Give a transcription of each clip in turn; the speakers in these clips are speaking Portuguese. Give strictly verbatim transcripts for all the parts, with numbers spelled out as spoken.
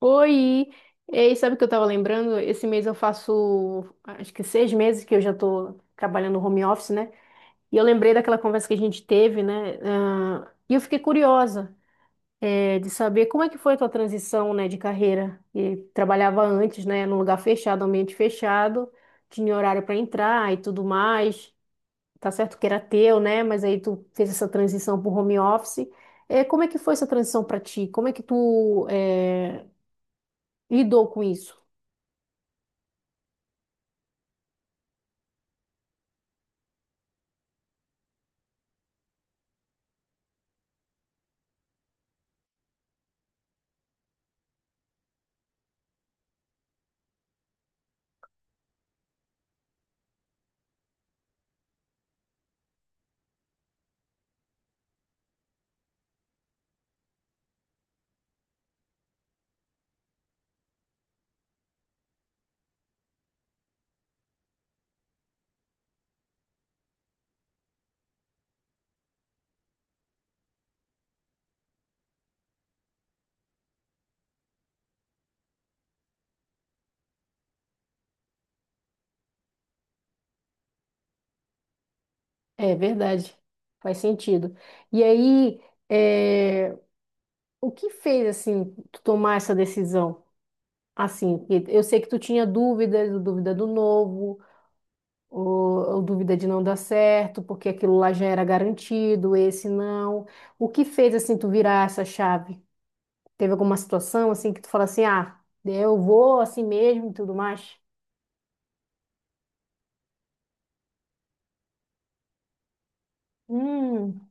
Oi! Ei, sabe o que eu tava lembrando? Esse mês eu faço, acho que seis meses que eu já tô trabalhando home office, né? E eu lembrei daquela conversa que a gente teve, né? Ah, e eu fiquei curiosa, eh, de saber como é que foi a tua transição, né, de carreira. E trabalhava antes, né, num lugar fechado, ambiente fechado, tinha horário para entrar e tudo mais. Tá certo que era teu, né? Mas aí tu fez essa transição pro home office. Eh, como é que foi essa transição para ti? Como é que tu, eh, lidou com isso? É verdade, faz sentido. E aí, é, o que fez assim tu tomar essa decisão? Assim, que eu sei que tu tinha dúvidas, dúvida do novo, ou, ou dúvida de não dar certo, porque aquilo lá já era garantido, esse não. O que fez assim tu virar essa chave? Teve alguma situação assim que tu fala assim, ah, eu vou assim mesmo e tudo mais? Hum,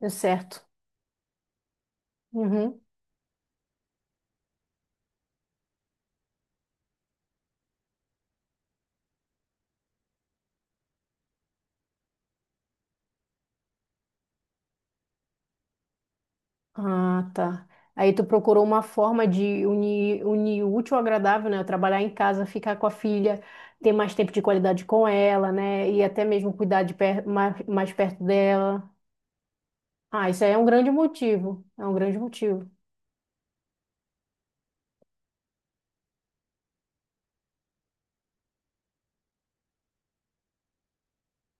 deu certo. Uhum. Ah, tá. Aí tu procurou uma forma de unir, unir o útil ao agradável, né? Trabalhar em casa, ficar com a filha, ter mais tempo de qualidade com ela, né? E até mesmo cuidar de per mais, mais perto dela. Ah, isso aí é um grande motivo. É um grande motivo.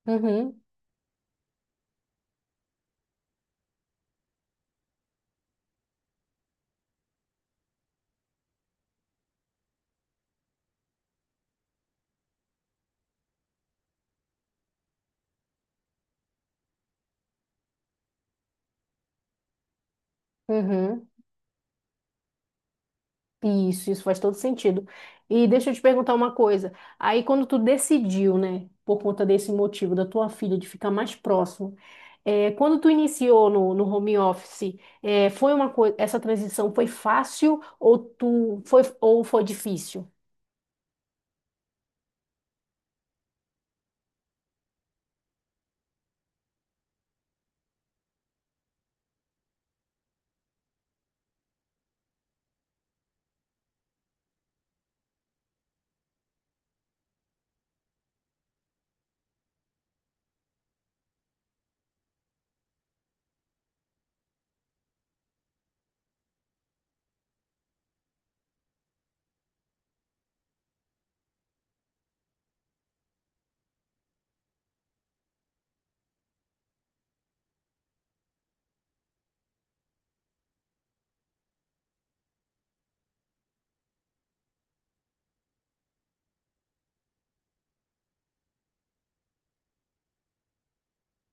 Uhum, uhum. Isso, isso faz todo sentido. E deixa eu te perguntar uma coisa. Aí, quando tu decidiu, né, por conta desse motivo da tua filha de ficar mais próximo, eh, quando tu iniciou no, no home office, eh, foi uma coisa, essa transição foi fácil ou tu foi ou foi difícil?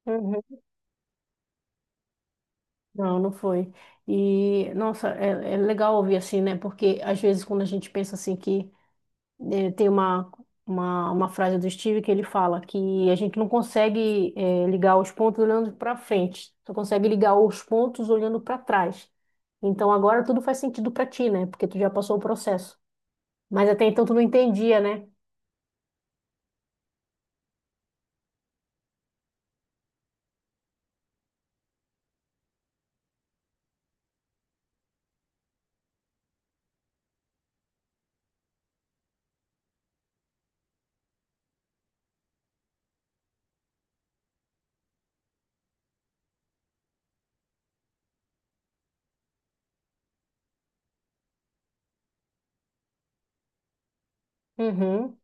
Uhum. Não, não foi. E, nossa, é, é legal ouvir assim, né? Porque às vezes quando a gente pensa assim que eh, tem uma, uma, uma frase do Steve que ele fala que a gente não consegue eh, ligar os pontos olhando para frente, só consegue ligar os pontos olhando para trás. Então agora tudo faz sentido para ti, né? Porque tu já passou o processo. Mas até então tu não entendia, né? Uhum.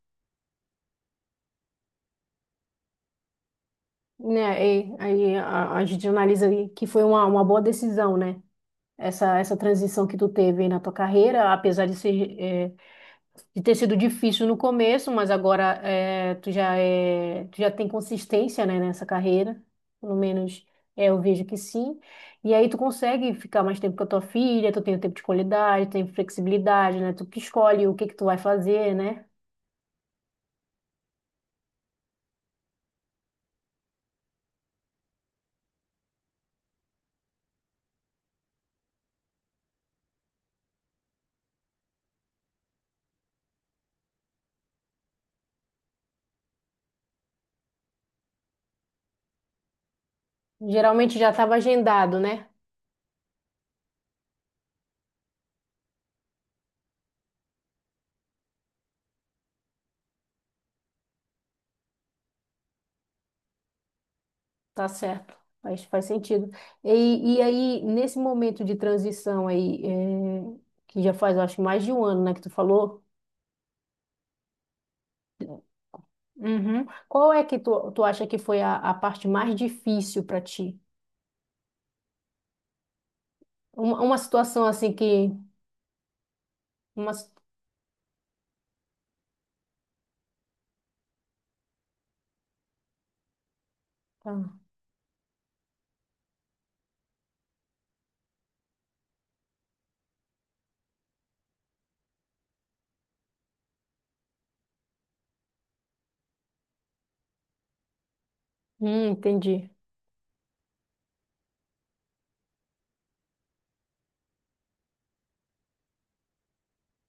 Né? E, aí a, a gente analisa aí que foi uma, uma boa decisão, né? Essa, essa transição que tu teve aí na tua carreira, apesar de ser, eh, de ter sido difícil no começo, mas agora é, tu já é, tu já tem consistência, né, nessa carreira, pelo menos é, eu vejo que sim. E aí tu consegue ficar mais tempo com a tua filha, tu tem o tempo de qualidade, tem flexibilidade, né? Tu que escolhe o que que tu vai fazer, né? Geralmente já estava agendado, né? Tá certo. Faz, faz sentido. E, e aí, nesse momento de transição aí, é, que já faz, eu acho, mais de um ano, né, que tu falou. Uhum. Qual é que tu, tu acha que foi a, a parte mais difícil para ti? Uma, uma situação assim que. Uma, s- ah, hum, entendi.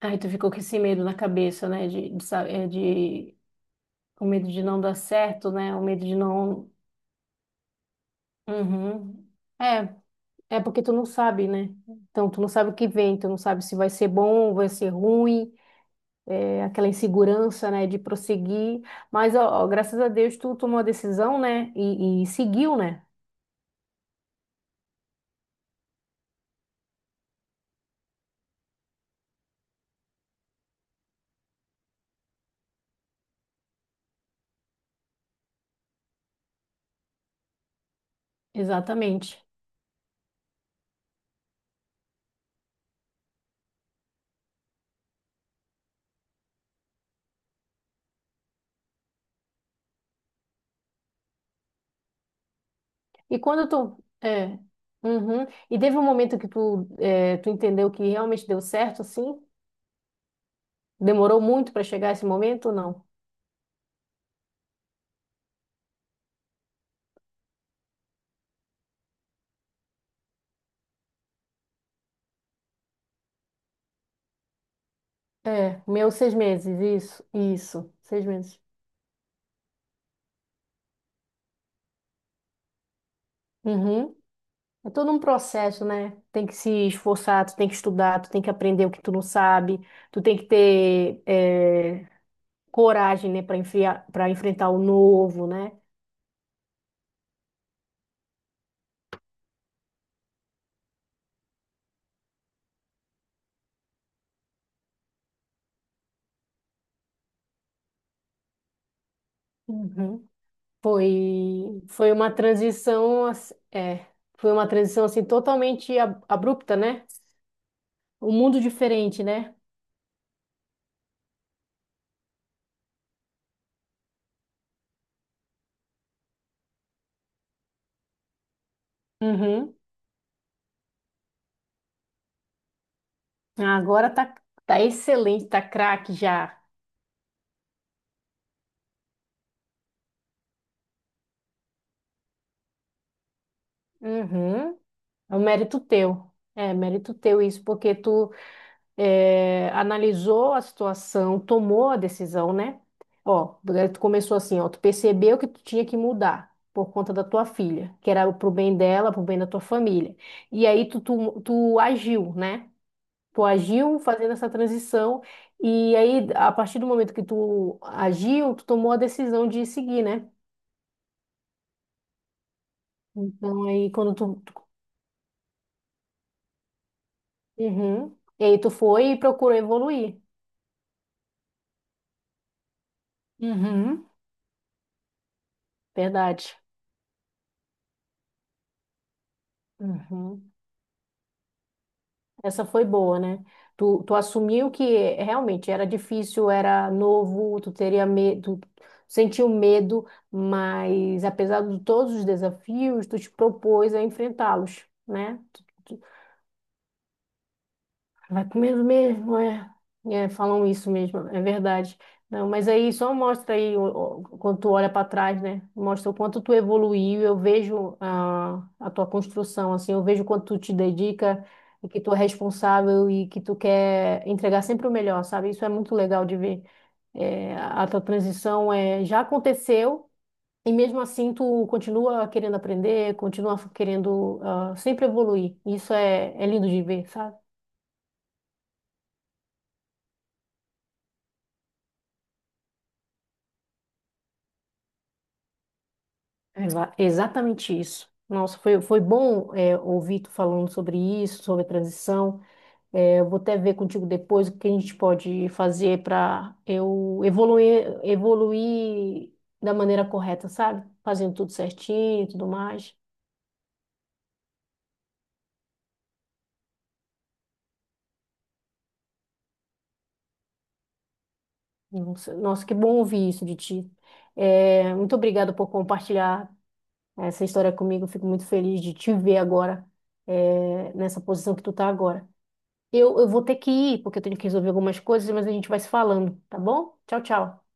Aí tu ficou com esse medo na cabeça, né? De, de, sa- é, de- o medo de não dar certo, né? O medo de não. Uhum. É, é porque tu não sabe, né? Então, tu não sabe o que vem, tu não sabe se vai ser bom, vai ser ruim, é, aquela insegurança, né, de prosseguir. Mas, ó, ó, graças a Deus, tu tomou a decisão, né? E, e seguiu, né? Exatamente. E quando tu. É. Uhum. E teve um momento que tu, é, tu entendeu que realmente deu certo, assim? Demorou muito para chegar esse momento ou não? É, meus seis meses, isso, isso, seis meses. Uhum. É todo um processo, né? Tem que se esforçar, tu tem que estudar, tu tem que aprender o que tu não sabe, tu tem que ter é, coragem, né, para enfriar, para enfrentar o novo, né? Uhum. Foi, foi uma transição, ass- é, foi uma transição assim totalmente ab- abrupta, né? Um mundo diferente, né? Uhum. Agora tá, tá excelente, tá craque já. Uhum. É um mérito teu. É, mérito teu isso, porque tu é, analisou a situação, tomou a decisão, né? Ó, eh, tu começou assim, ó, tu percebeu que tu tinha que mudar por conta da tua filha, que era pro bem dela, pro bem da tua família. E aí tu, tu, tu agiu, né? Tu agiu fazendo essa transição e aí a partir do momento que tu agiu, tu tomou a decisão de seguir, né? Então aí quando tu, tu- Uhum. E aí tu foi e procurou evoluir. Uhum. Verdade. Uhum. Essa foi boa, né? Tu, tu assumiu que realmente era difícil, era novo, tu teria medo, tu sentiu medo, mas apesar de todos os desafios, tu te propôs a enfrentá-los, né? Vai comendo mesmo, é. É, falam isso mesmo, é verdade. Não, mas aí só mostra aí o- o- quando tu olha para trás, né? Mostra o quanto tu evoluiu. Eu vejo a, a tua construção, assim, eu vejo quanto tu te dedica e que tu é responsável e que tu quer entregar sempre o melhor, sabe? Isso é muito legal de ver. É, a tua transição é, já aconteceu e mesmo assim tu continua querendo aprender, continua querendo ah, sempre evoluir. Isso é, é lindo de ver, sabe? Exa- Exatamente isso. Nossa, foi, foi bom é, ouvir tu falando sobre isso, sobre a transição. É, eu vou até ver contigo depois o que a gente pode fazer para eu evoluir, evoluir da maneira correta, sabe? Fazendo tudo certinho e tudo mais. Nossa, nossa, que bom ouvir isso de ti. É, muito obrigada por compartilhar essa história comigo. Eu fico muito feliz de te ver agora, é, nessa posição que tu tá agora. Eu, eu vou ter que ir, porque eu tenho que resolver algumas coisas, mas a gente vai se falando, tá bom? Tchau, tchau.